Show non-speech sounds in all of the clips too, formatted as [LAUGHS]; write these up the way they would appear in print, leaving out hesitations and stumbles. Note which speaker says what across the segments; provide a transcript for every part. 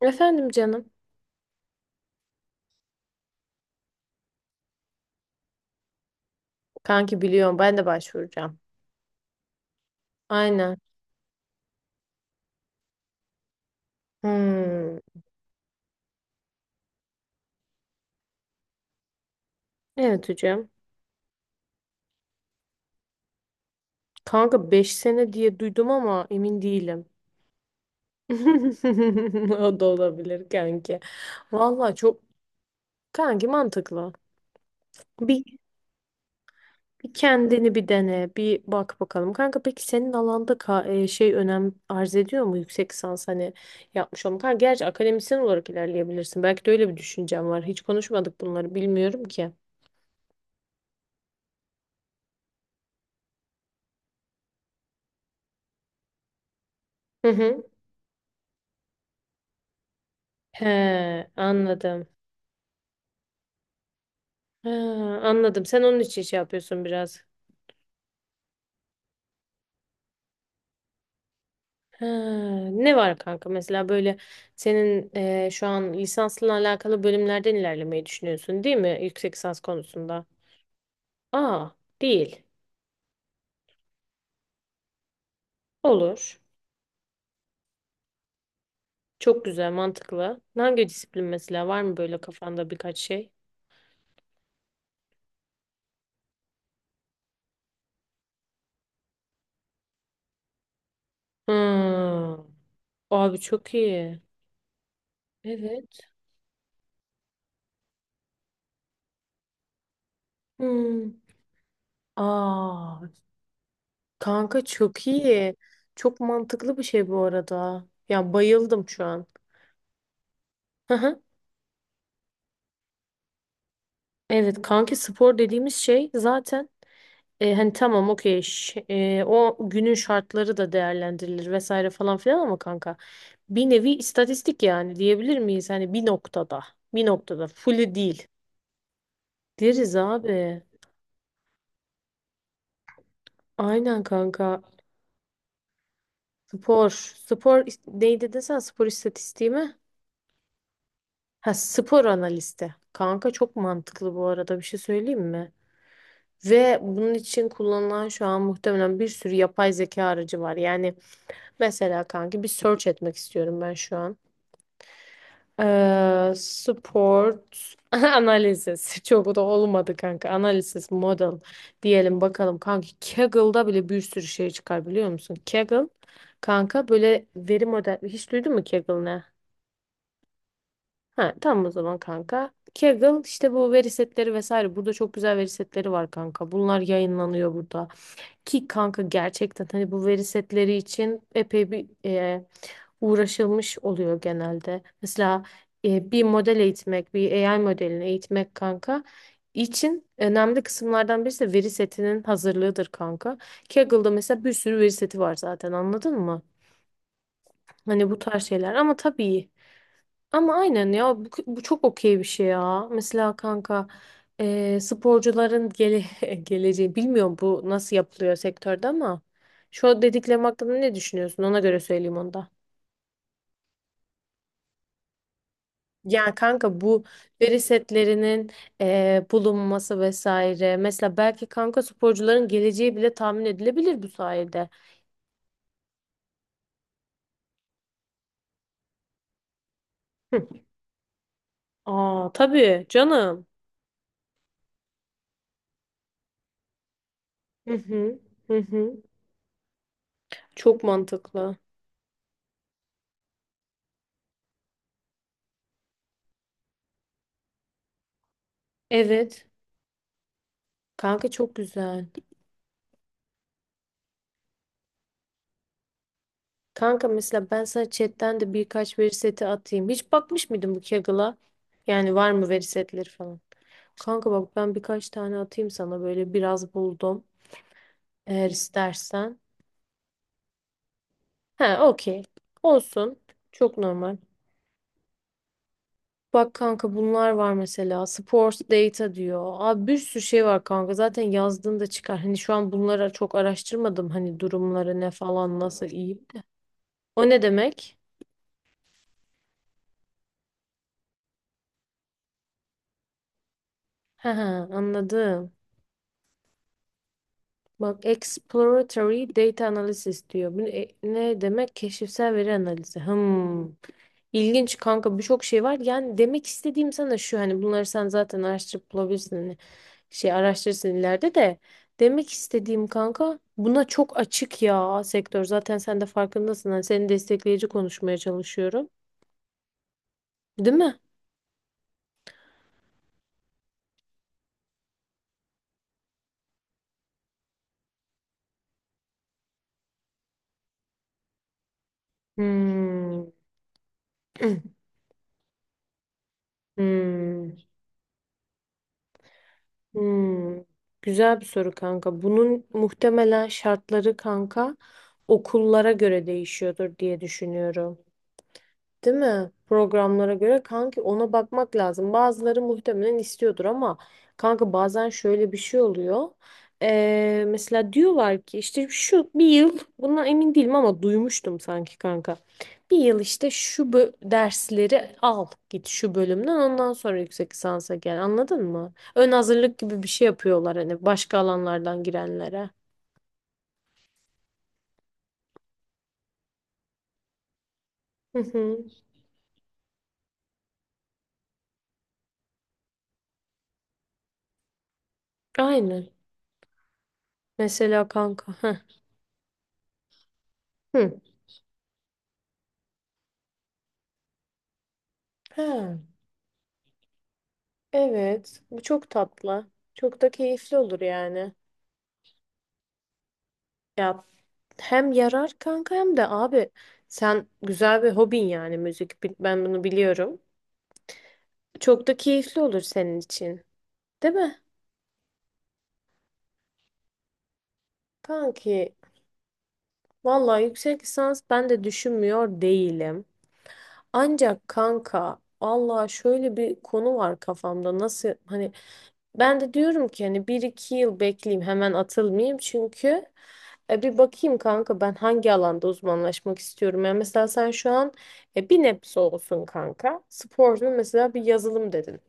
Speaker 1: Efendim canım. Kanki biliyorum ben de başvuracağım. Aynen. Hmm. Evet, hocam. Kanka 5 sene diye duydum ama emin değilim. [LAUGHS] O da olabilir kanki. Vallahi çok kanki mantıklı. Bir, bir kendini bir dene, bir bak bakalım. Kanka peki senin alanda şey önem arz ediyor mu yüksek lisans hani yapmış olmak? Kanka gerçi akademisyen olarak ilerleyebilirsin. Belki de öyle bir düşüncem var. Hiç konuşmadık bunları bilmiyorum ki. Hı hı. He, anladım. Ha, anladım. Sen onun için şey yapıyorsun biraz. Ha, ne var kanka mesela böyle senin şu an lisansla alakalı bölümlerden ilerlemeyi düşünüyorsun değil mi? Yüksek lisans konusunda. Aa, değil. Olur. Çok güzel, mantıklı. Hangi disiplin mesela var mı böyle kafanda birkaç şey? Hmm. Abi çok iyi. Evet. Hmm. Aa. Kanka çok iyi. Çok mantıklı bir şey bu arada. Ya bayıldım şu an. Hı hı. Evet kanki spor dediğimiz şey zaten hani tamam okey o günün şartları da değerlendirilir vesaire falan filan ama kanka bir nevi istatistik yani diyebilir miyiz? Hani bir noktada fully değil. Deriz abi. Aynen kanka. Spor. Neydi desen spor istatistiği mi? Ha, spor analisti. Kanka çok mantıklı bu arada, bir şey söyleyeyim mi? Ve bunun için kullanılan şu an muhtemelen bir sürü yapay zeka aracı var. Yani mesela kanki bir search etmek istiyorum ben şu an. Sport [LAUGHS] analizis. Çok da olmadı kanka. Analizis model diyelim bakalım. Kanki Kaggle'da bile bir sürü şey çıkar biliyor musun? Kaggle kanka böyle veri model. Hiç duydun mu Kaggle ne? Ha, tamam o zaman kanka. Kaggle işte bu veri setleri vesaire. Burada çok güzel veri setleri var kanka. Bunlar yayınlanıyor burada. Ki kanka gerçekten hani bu veri setleri için epey bir uğraşılmış oluyor genelde. Mesela bir model eğitmek, bir AI modelini eğitmek kanka için önemli kısımlardan birisi de veri setinin hazırlığıdır kanka. Kaggle'da mesela bir sürü veri seti var zaten, anladın mı? Hani bu tarz şeyler ama tabii ama aynen ya, bu çok okey bir şey ya. Mesela kanka sporcuların [LAUGHS] geleceği bilmiyorum bu nasıl yapılıyor sektörde ama şu dediklerim hakkında ne düşünüyorsun? Ona göre söyleyeyim onda. Yani kanka bu veri setlerinin bulunması vesaire. Mesela belki kanka sporcuların geleceği bile tahmin edilebilir bu sayede. Hı. Aa, tabii canım. Hı hı. Hı hı. Çok mantıklı. Evet. Kanka çok güzel. Kanka mesela ben sana chatten de birkaç veri seti atayım. Hiç bakmış mıydın bu Kaggle'a? Yani var mı veri setleri falan? Kanka bak, ben birkaç tane atayım sana, böyle biraz buldum. Eğer istersen. He, okey. Olsun. Çok normal. Bak kanka bunlar var mesela. Sports data diyor. Abi bir sürü şey var kanka. Zaten yazdığında çıkar. Hani şu an bunlara çok araştırmadım. Hani durumları ne falan nasıl iyi. O ne demek? Ha, he, anladım. Bak exploratory data analysis diyor. Bu ne, ne demek? Keşifsel veri analizi. Hmm. İlginç kanka, birçok şey var. Yani demek istediğim sana şu, hani bunları sen zaten araştırıp bulabilirsin. Hani şey araştırırsın ileride de. Demek istediğim kanka, buna çok açık ya sektör. Zaten sen de farkındasın. Hani seni destekleyici konuşmaya çalışıyorum. Değil mi? Hmm. [CLEARS THROAT] Hmm. Hmm, güzel bir soru kanka. Bunun muhtemelen şartları kanka okullara göre değişiyordur diye düşünüyorum. Değil mi? Programlara göre kanki ona bakmak lazım. Bazıları muhtemelen istiyordur ama kanka bazen şöyle bir şey oluyor. Mesela diyorlar ki işte şu bir yıl, bundan emin değilim ama duymuştum sanki kanka. Bir yıl işte şu dersleri al git şu bölümden, ondan sonra yüksek lisansa gel, anladın mı? Ön hazırlık gibi bir şey yapıyorlar hani başka alanlardan girenlere. Hı hı. Aynen. Mesela kanka. Hı. Hı. Ha. Evet, bu çok tatlı. Çok da keyifli olur yani. Ya hem yarar kanka hem de abi sen güzel bir hobin yani müzik. Ben bunu biliyorum. Çok da keyifli olur senin için. Değil mi? Kanki vallahi yüksek lisans ben de düşünmüyor değilim. Ancak kanka Allah, şöyle bir konu var kafamda nasıl, hani ben de diyorum ki hani bir iki yıl bekleyeyim, hemen atılmayayım çünkü bir bakayım kanka ben hangi alanda uzmanlaşmak istiyorum. Yani mesela sen şu an bir nebze olsun kanka sporunu mesela, bir yazılım dedin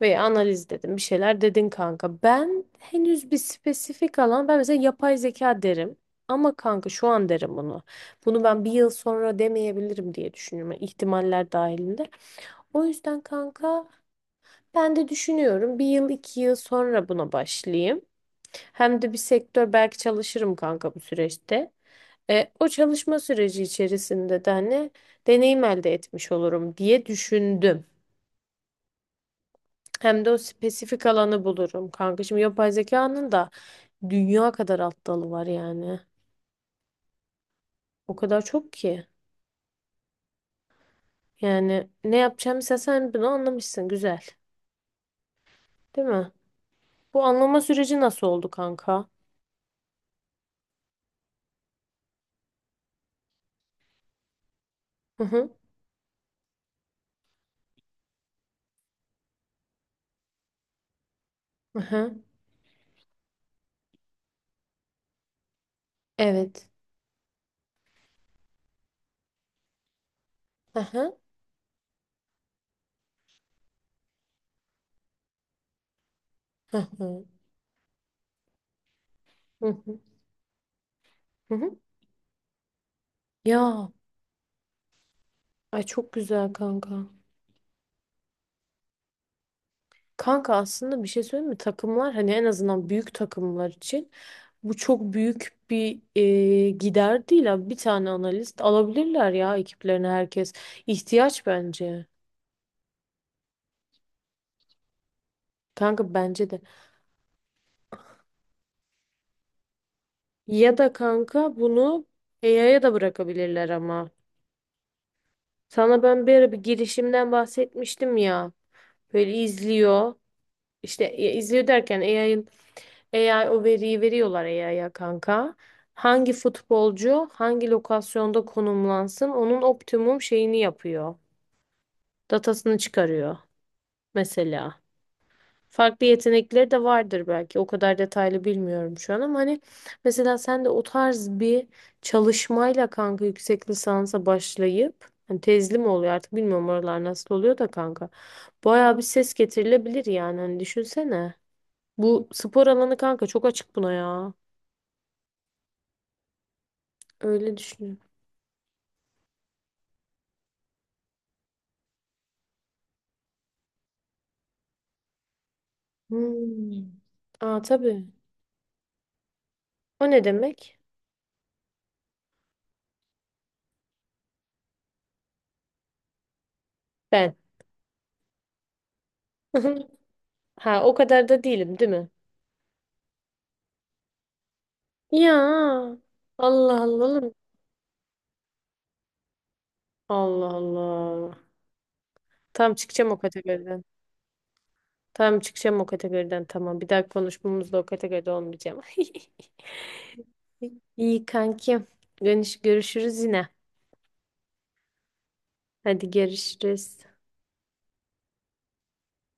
Speaker 1: veya analiz dedin, bir şeyler dedin kanka. Ben henüz bir spesifik alan, ben mesela yapay zeka derim ama kanka şu an derim bunu. Bunu ben bir yıl sonra demeyebilirim diye düşünüyorum, yani ihtimaller dahilinde. O yüzden kanka ben de düşünüyorum. Bir yıl iki yıl sonra buna başlayayım. Hem de bir sektör belki çalışırım kanka bu süreçte. O çalışma süreci içerisinde de hani deneyim elde etmiş olurum diye düşündüm. Hem de o spesifik alanı bulurum kanka. Şimdi yapay zekanın da dünya kadar alt dalı var yani. O kadar çok ki. Yani ne yapacağımı, sen bunu anlamışsın, güzel. Değil mi? Bu anlama süreci nasıl oldu kanka? Hı hı. Hı hı. Evet. Hı hı. Hı hı. Hı hı. Hı hı. Ya, ay çok güzel kanka. Kanka aslında bir şey söyleyeyim mi? Takımlar, hani en azından büyük takımlar için, bu çok büyük bir gider değil abi. Bir tane analist alabilirler ya ekiplerine, herkes. İhtiyaç bence. Kanka bence de. Ya da kanka bunu AI'ya da bırakabilirler ama. Sana ben bir ara bir girişimden bahsetmiştim ya. Böyle izliyor. İşte ya, izliyor derken AI'ın, AI o veriyi veriyorlar AI'ya kanka. Hangi futbolcu hangi lokasyonda konumlansın onun optimum şeyini yapıyor. Datasını çıkarıyor mesela. Farklı yetenekleri de vardır belki. O kadar detaylı bilmiyorum şu an ama hani mesela sen de o tarz bir çalışmayla kanka yüksek lisansa başlayıp, hani tezli mi oluyor artık bilmiyorum oralar nasıl oluyor da kanka. Bayağı bir ses getirilebilir yani, hani düşünsene. Bu spor alanı kanka çok açık buna ya. Öyle düşünüyorum. Hmm. Aa, tabii. O ne demek? Ben. [LAUGHS] Ha, o kadar da değilim değil mi? Ya Allah Allah, oğlum. Allah Allah. Tam çıkacağım o kategoriden. Tam çıkacağım o kategoriden, tamam. Bir daha konuşmamızda o kategoride olmayacağım. [LAUGHS] İyi kankim. Görüşürüz yine. Hadi görüşürüz.